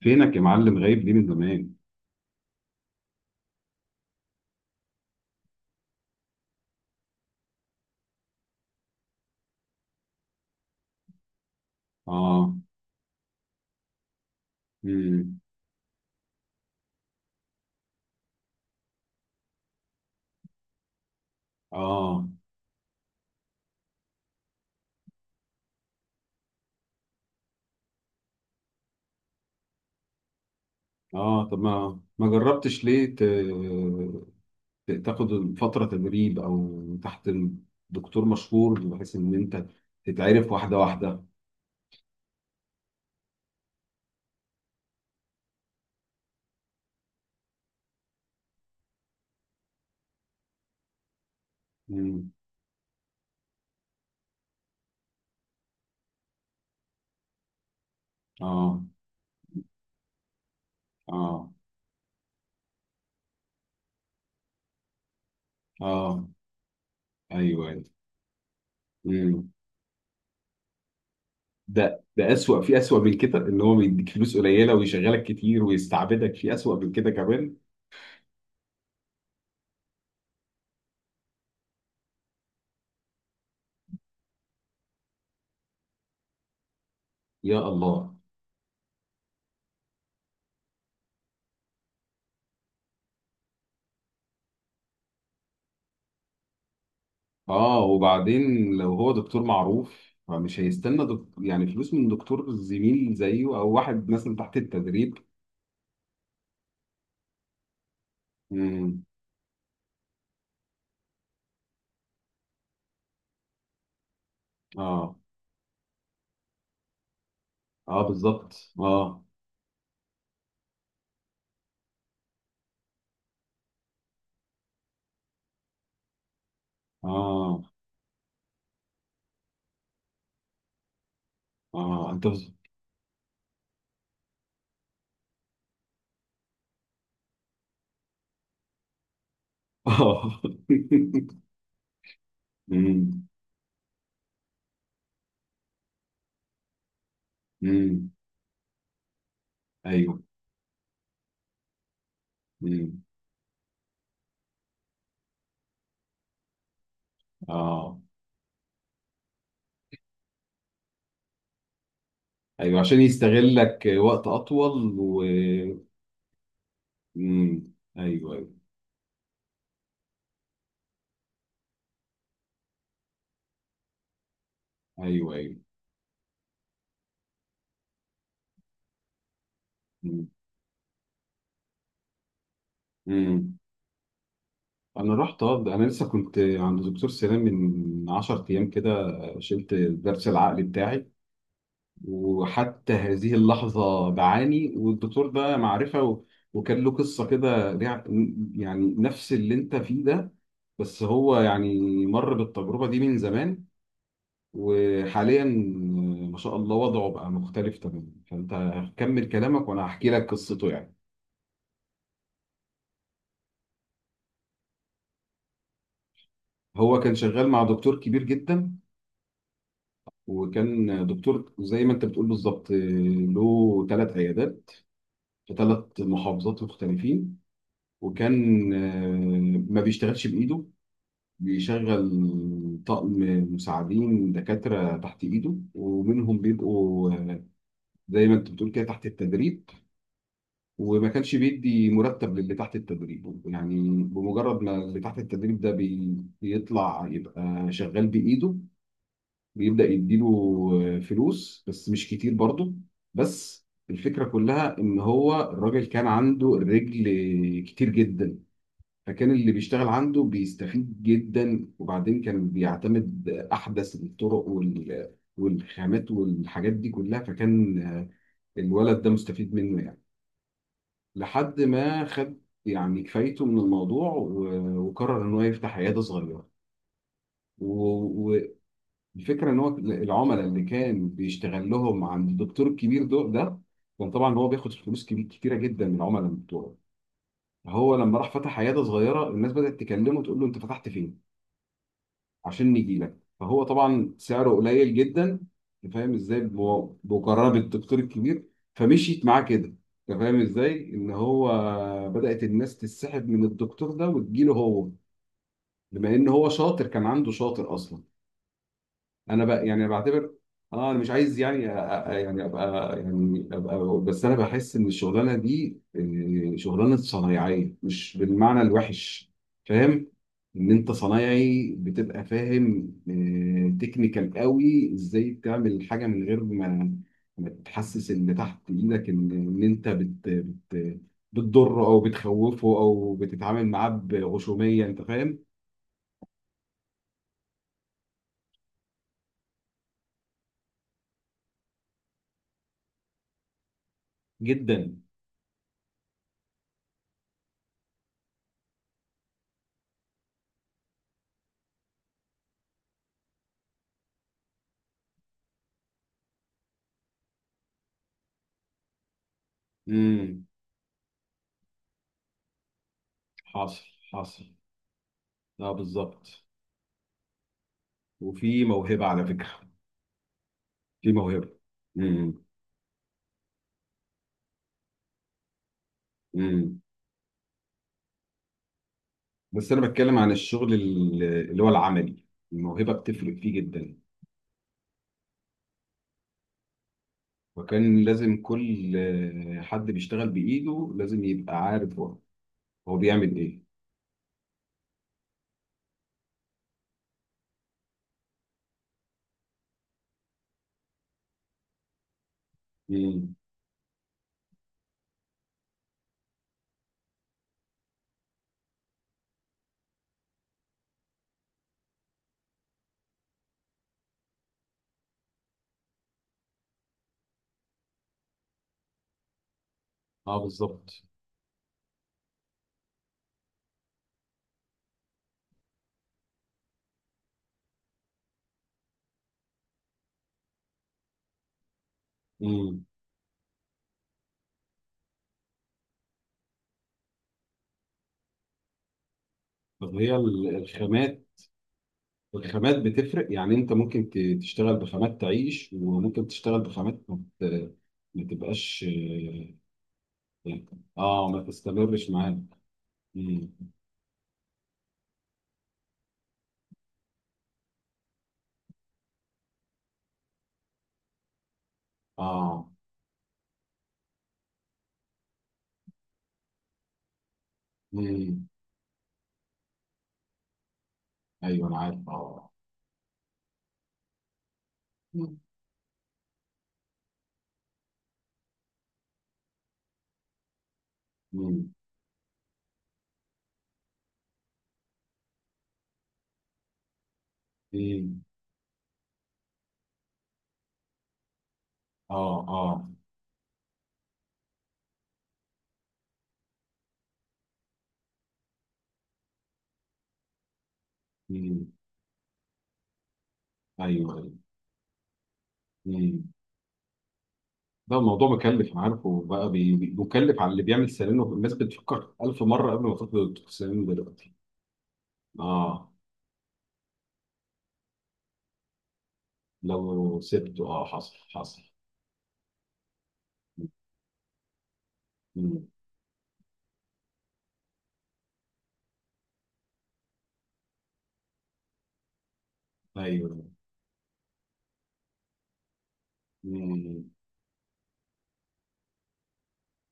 فينك يا معلم غايب ليه من زمان؟ اه. مم. اه، اه. طب ما جربتش ليه تاخد فترة تدريب او تحت دكتور مشهور بحيث ان انت تتعرف واحدة واحدة. مم. اه، اه، اه. ايوه، ايوه. مم. ده اسوأ، في اسوأ من كده، ان هو بيديك فلوس قليلة ويشغلك كتير ويستعبدك، في اسوأ من كده كمان. يا الله. اه، وبعدين لو هو دكتور معروف فمش هيستنى يعني فلوس من دكتور زميل زيه او واحد مثلا تحت التدريب. امم. اه، اه، بالظبط، اه. اه، اه. انت اه. امم، امم. ايوه. امم. اه. ايوه عشان يستغلك وقت اطول و. امم. ايوه، ايوه. ايوه، ايوه. امم. انا رحت، اه، ده انا لسه كنت عند دكتور سنان من 10 ايام كده، شلت الضرس العقلي بتاعي. وحتى هذه اللحظه بعاني، والدكتور ده معرفه وكان له قصه كده يعني نفس اللي انت فيه ده، بس هو يعني مر بالتجربه دي من زمان. وحاليا، ما شاء الله وضعه بقى مختلف تماما، فانت كمل كلامك وانا هحكي لك قصته يعني. هو كان شغال مع دكتور كبير جدا، وكان دكتور زي ما انت بتقول بالظبط له ثلاث عيادات، في ثلاث محافظات مختلفين. وكان ما بيشتغلش بايده، بيشغل طقم مساعدين دكاترة تحت ايده، ومنهم بيبقوا زي ما انت بتقول كده تحت التدريب. وما كانش بيدي مرتب للي تحت التدريب. يعني بمجرد ما اللي تحت التدريب ده بيطلع يبقى شغال بايده، بيبدأ يديله فلوس، بس مش كتير برضه. بس الفكرة كلها إن هو الراجل كان عنده الرجل كتير جدا، فكان اللي بيشتغل عنده بيستفيد جدا. وبعدين كان بيعتمد أحدث الطرق والخامات والحاجات دي كلها. فكان الولد ده مستفيد منه يعني، لحد ما خد يعني كفايته من الموضوع و- وقرر إن هو يفتح عيادة صغيرة و- الفكره ان هو العملاء اللي كان بيشتغل لهم عند الدكتور الكبير دول، ده كان طبعا هو بياخد فلوس كبير كتيره جدا من العملاء بتوعه. فهو لما راح فتح عياده صغيره، الناس بدات تكلمه تقول له انت فتحت فين عشان نيجي لك. فهو طبعا سعره قليل جدا. انت فاهم ازاي بمقارنه بالدكتور الكبير. فمشيت معاه كده. انت فاهم ازاي ان هو بدات الناس تسحب من الدكتور ده وتجيله هو. بما ان هو شاطر، كان عنده شاطر اصلا. انا بقى يعني بعتبر، اه، انا مش عايز يعني يعني ابقى. بس انا بحس ان الشغلانه دي، شغلانه صنايعيه، مش بالمعنى الوحش، فاهم، ان انت صنايعي بتبقى فاهم تكنيكال قوي، ازاي تعمل حاجه من غير ما تحسس اللي تحت ايدك ان انت بت بت بتضره او بتخوفه او بتتعامل معاه بغشوميه، انت فاهم. جدا. امم. حاصل، حاصل، اه بالظبط. وفي موهبة على فكرة. في موهبة. امم. امم. بس انا بتكلم عن الشغل اللي هو العملي. الموهبة بتفرق فيه جدا، وكان لازم كل حد بيشتغل بإيده لازم يبقى عارف هو بيعمل ايه. امم. اه، بالظبط. امم. طب هي الخامات. الخامات بتفرق. يعني انت ممكن تشتغل بخامات تعيش، وممكن تشتغل بخامات ما تبقاش، اه، يعني، ما تستمرش معاك. امم. اه. مم. ايوه انا عارف، اه. مم. مم. مم. اه، اه. مم. ايوه، ايوه. مم. ده الموضوع مكلف، انا عارفه بقى مكلف على اللي بيعمل سيرينو. الناس بتفكر ألف مرة قبل ما تدخل السيرينو دلوقتي. اه. لو سبته، اه، حصل حصل. مم. ايوه. مم.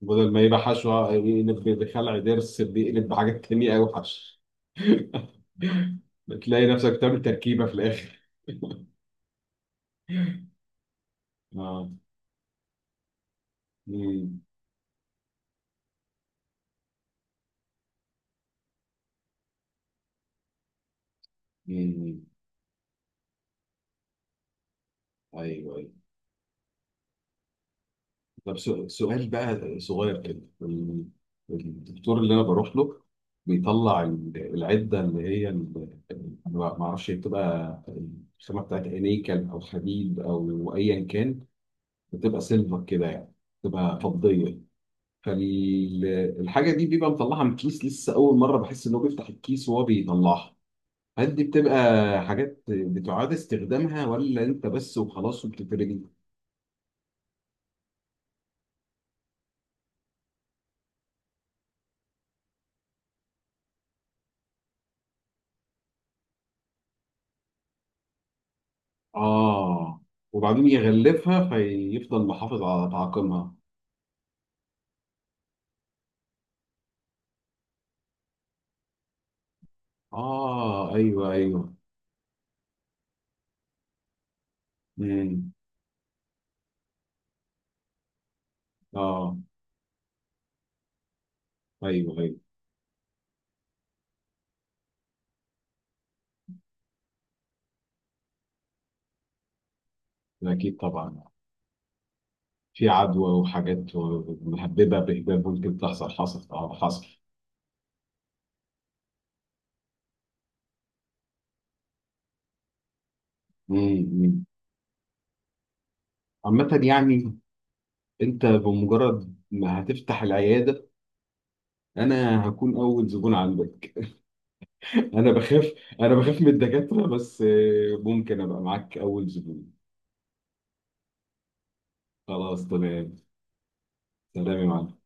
بدل ما يبقى حشو، يقلب بخلع ضرس، بيقلب بحاجات تانية أوي حشو. بتلاقي نفسك بتعمل تركيبة في الآخر. اه. مم. مم. ايوه، ايوه. طب سؤال بقى صغير كده، الدكتور اللي انا بروح له بيطلع العده اللي هي ما اعرفش هي بتبقى الخامه بتاعت انيكل او حديد او ايا كان، بتبقى سيلفر كده يعني، بتبقى فضيه. فالحاجه دي بيبقى مطلعها من كيس، لسه اول مره بحس انه بيفتح الكيس وهو بيطلعها. هل دي بتبقى حاجات بتعاد استخدامها، ولا انت بس وخلاص وبتترمي؟ اه، وبعدين يغلفها فيفضل محافظ على تعاقمها. اه، ايوه، ايوه. امم. اه، ايوه، ايوه. اكيد طبعا. في عدوى وحاجات مهببه بهباب ممكن تحصل. حصل، حصل. امم. عامة يعني، انت بمجرد ما هتفتح العياده انا هكون اول زبون عندك. انا بخاف. انا بخاف من الدكاتره، بس ممكن ابقى معاك اول زبون. خلاص تمام. سلام يا معلم.